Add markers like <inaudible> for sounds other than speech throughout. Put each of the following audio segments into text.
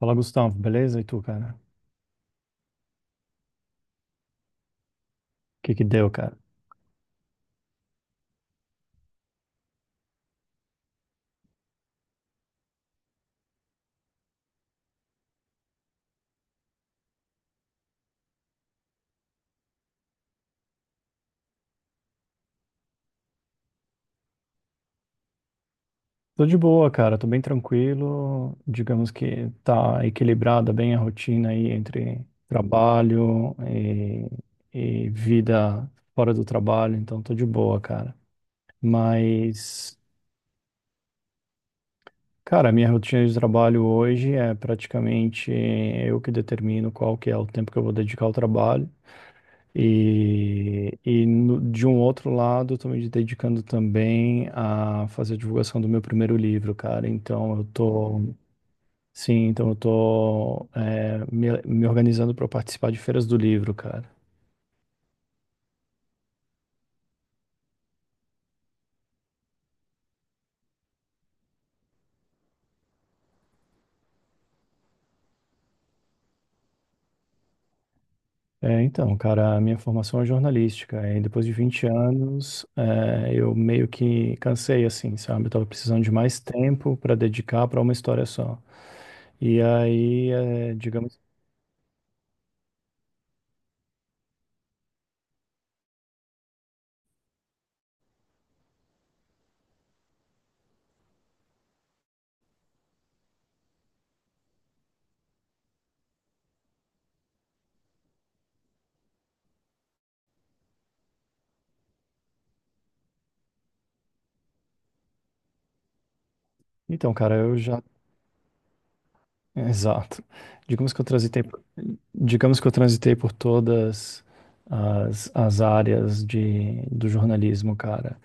Fala, Gustavo, beleza? E tu, cara? O que que deu, cara? Tô de boa, cara. Tô bem tranquilo. Digamos que tá equilibrada bem a rotina aí entre trabalho e vida fora do trabalho, então tô de boa, cara. Mas, cara, minha rotina de trabalho hoje é praticamente eu que determino qual que é o tempo que eu vou dedicar ao trabalho. De um outro lado, estou me dedicando também a fazer a divulgação do meu primeiro livro, cara. Então, eu tô. Sim, então eu tô, me organizando para participar de feiras do livro, cara. É, então, cara, a minha formação é jornalística e depois de 20 anos, eu meio que cansei, assim, sabe? Eu tava precisando de mais tempo para dedicar para uma história só. E aí, digamos. Então, cara, eu já. <laughs> Exato. Digamos que eu transitei, por- digamos que eu transitei por todas as áreas do jornalismo, cara.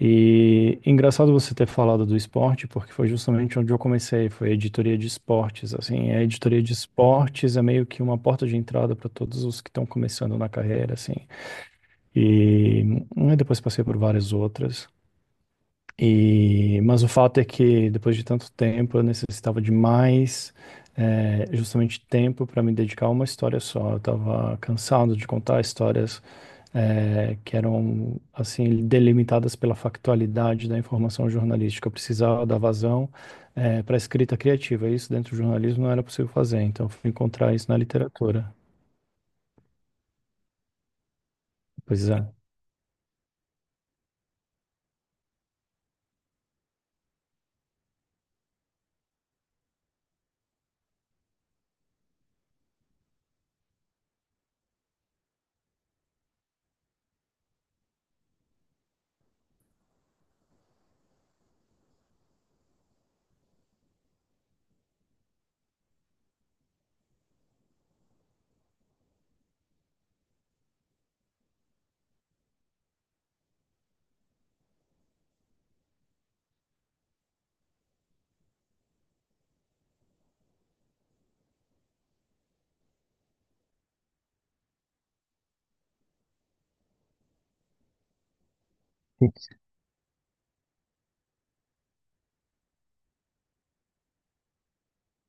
E engraçado você ter falado do esporte, porque foi justamente onde eu comecei, foi a editoria de esportes, assim, a editoria de esportes é meio que uma porta de entrada para todos os que estão começando na carreira, assim. E, depois passei por várias outras. E, mas o fato é que depois de tanto tempo eu necessitava de mais, justamente tempo para me dedicar a uma história só. Eu estava cansado de contar histórias, que eram assim delimitadas pela factualidade da informação jornalística. Eu precisava dar vazão para a escrita criativa. Isso dentro do jornalismo não era possível fazer, então eu fui encontrar isso na literatura. Pois é.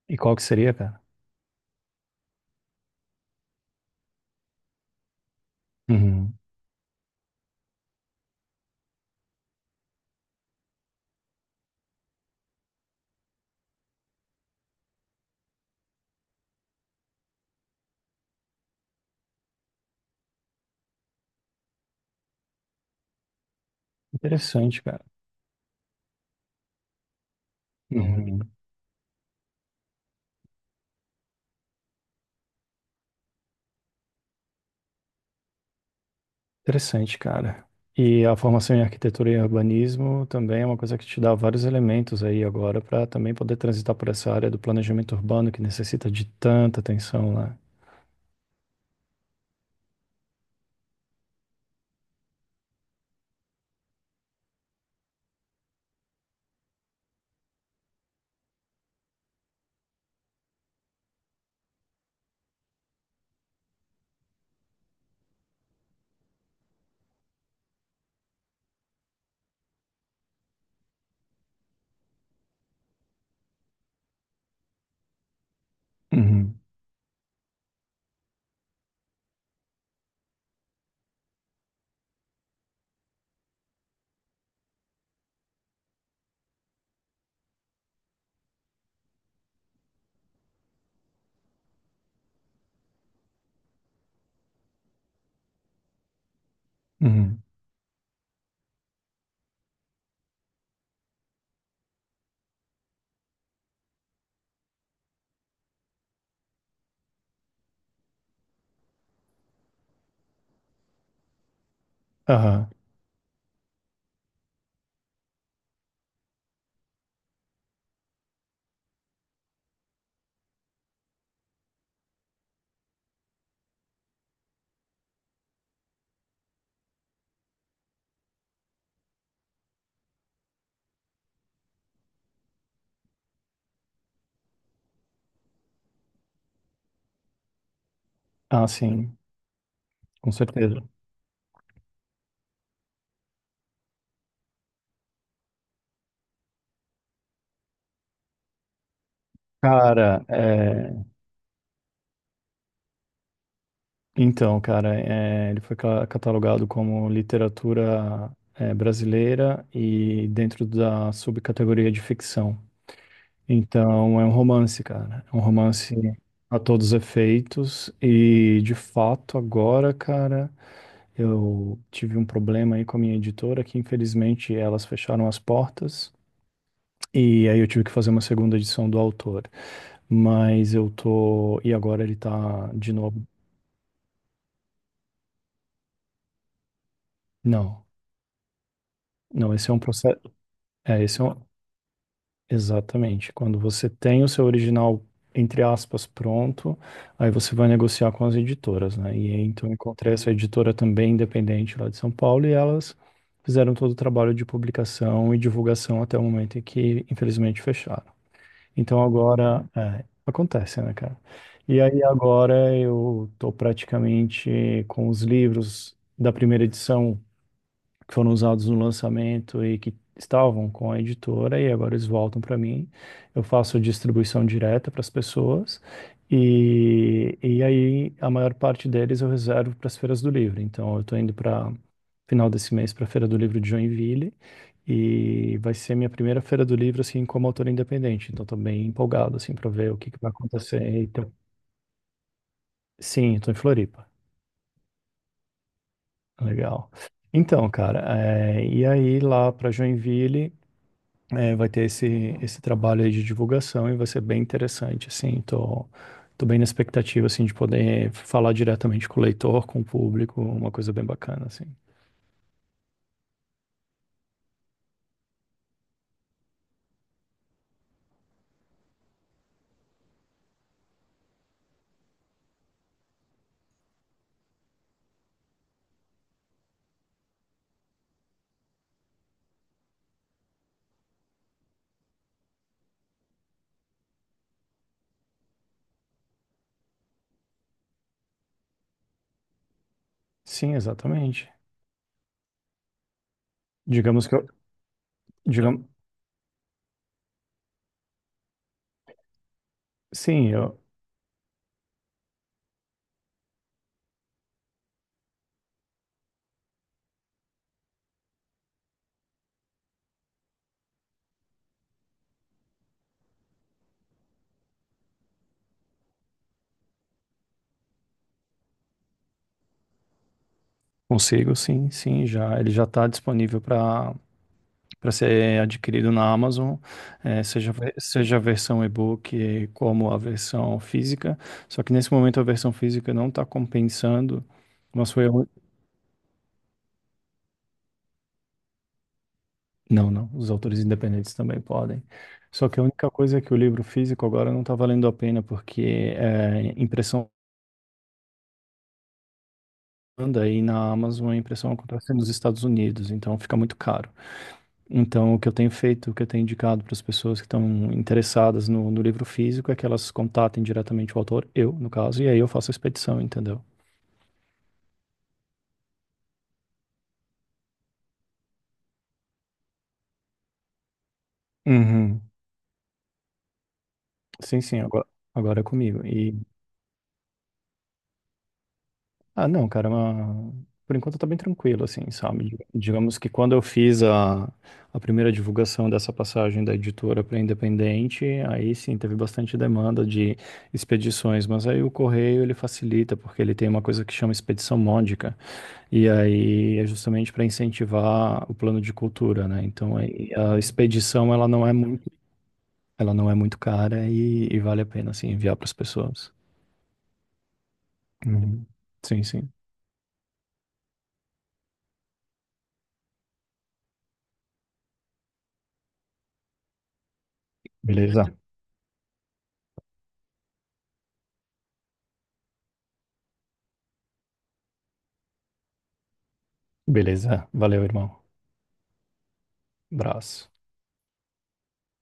E qual que seria, cara? Uhum. Interessante, cara. Uhum. Interessante, cara. E a formação em arquitetura e urbanismo também é uma coisa que te dá vários elementos aí agora para também poder transitar por essa área do planejamento urbano que necessita de tanta atenção lá. Uhum, uhum. Aham. Ah, sim, com certeza. Cara, então, cara, ele foi catalogado como literatura, brasileira, e dentro da subcategoria de ficção. Então, é um romance, cara. É um romance a todos os efeitos. E, de fato, agora, cara, eu tive um problema aí com a minha editora, que infelizmente elas fecharam as portas. E aí eu tive que fazer uma segunda edição do autor. Mas eu tô. E agora ele tá de novo. Não, não, esse é um processo. É, esse é um. Exatamente. Quando você tem o seu original, entre aspas, pronto, aí você vai negociar com as editoras, né? E aí, então eu encontrei essa editora também independente lá de São Paulo e elas fizeram todo o trabalho de publicação e divulgação até o momento em que, infelizmente, fecharam. Então agora, acontece, né, cara? E aí agora eu tô praticamente com os livros da primeira edição que foram usados no lançamento e que estavam com a editora e agora eles voltam para mim. Eu faço distribuição direta para as pessoas e aí a maior parte deles eu reservo para as feiras do livro. Então eu estou indo para final desse mês para a Feira do Livro de Joinville e vai ser minha primeira Feira do Livro assim como autor independente. Então estou bem empolgado assim para ver o que que vai acontecer. Então, sim, estou em Floripa. Legal. Então, cara, e aí lá para Joinville, vai ter esse trabalho aí de divulgação e vai ser bem interessante, assim, tô bem na expectativa, assim, de poder falar diretamente com o leitor, com o público, uma coisa bem bacana, assim. Sim, exatamente. Digamos que eu, Digamos, sim, eu consigo, sim, sim, já, ele já está disponível para ser adquirido na Amazon, seja a versão e-book como a versão física, só que nesse momento a versão física não está compensando, mas foi. Não, não. Os autores independentes também podem. Só que a única coisa é que o livro físico agora não está valendo a pena, porque impressão anda e na Amazon a impressão acontece nos Estados Unidos, então fica muito caro. Então, o que eu tenho feito, o que eu tenho indicado para as pessoas que estão interessadas no livro físico é que elas contatem diretamente o autor, eu, no caso, e aí eu faço a expedição, entendeu? Uhum. Sim, sim, agora, agora é comigo. Ah, não, cara, mas por enquanto tá bem tranquilo, assim, sabe? Digamos que quando eu fiz a primeira divulgação dessa passagem da editora para independente, aí sim teve bastante demanda de expedições, mas aí o correio ele facilita, porque ele tem uma coisa que chama expedição módica, e aí é justamente para incentivar o plano de cultura, né? Então aí a expedição ela não é muito cara e vale a pena, assim, enviar para as pessoas. Uhum. Sim, sim. Beleza. Beleza, valeu, irmão. Abraço.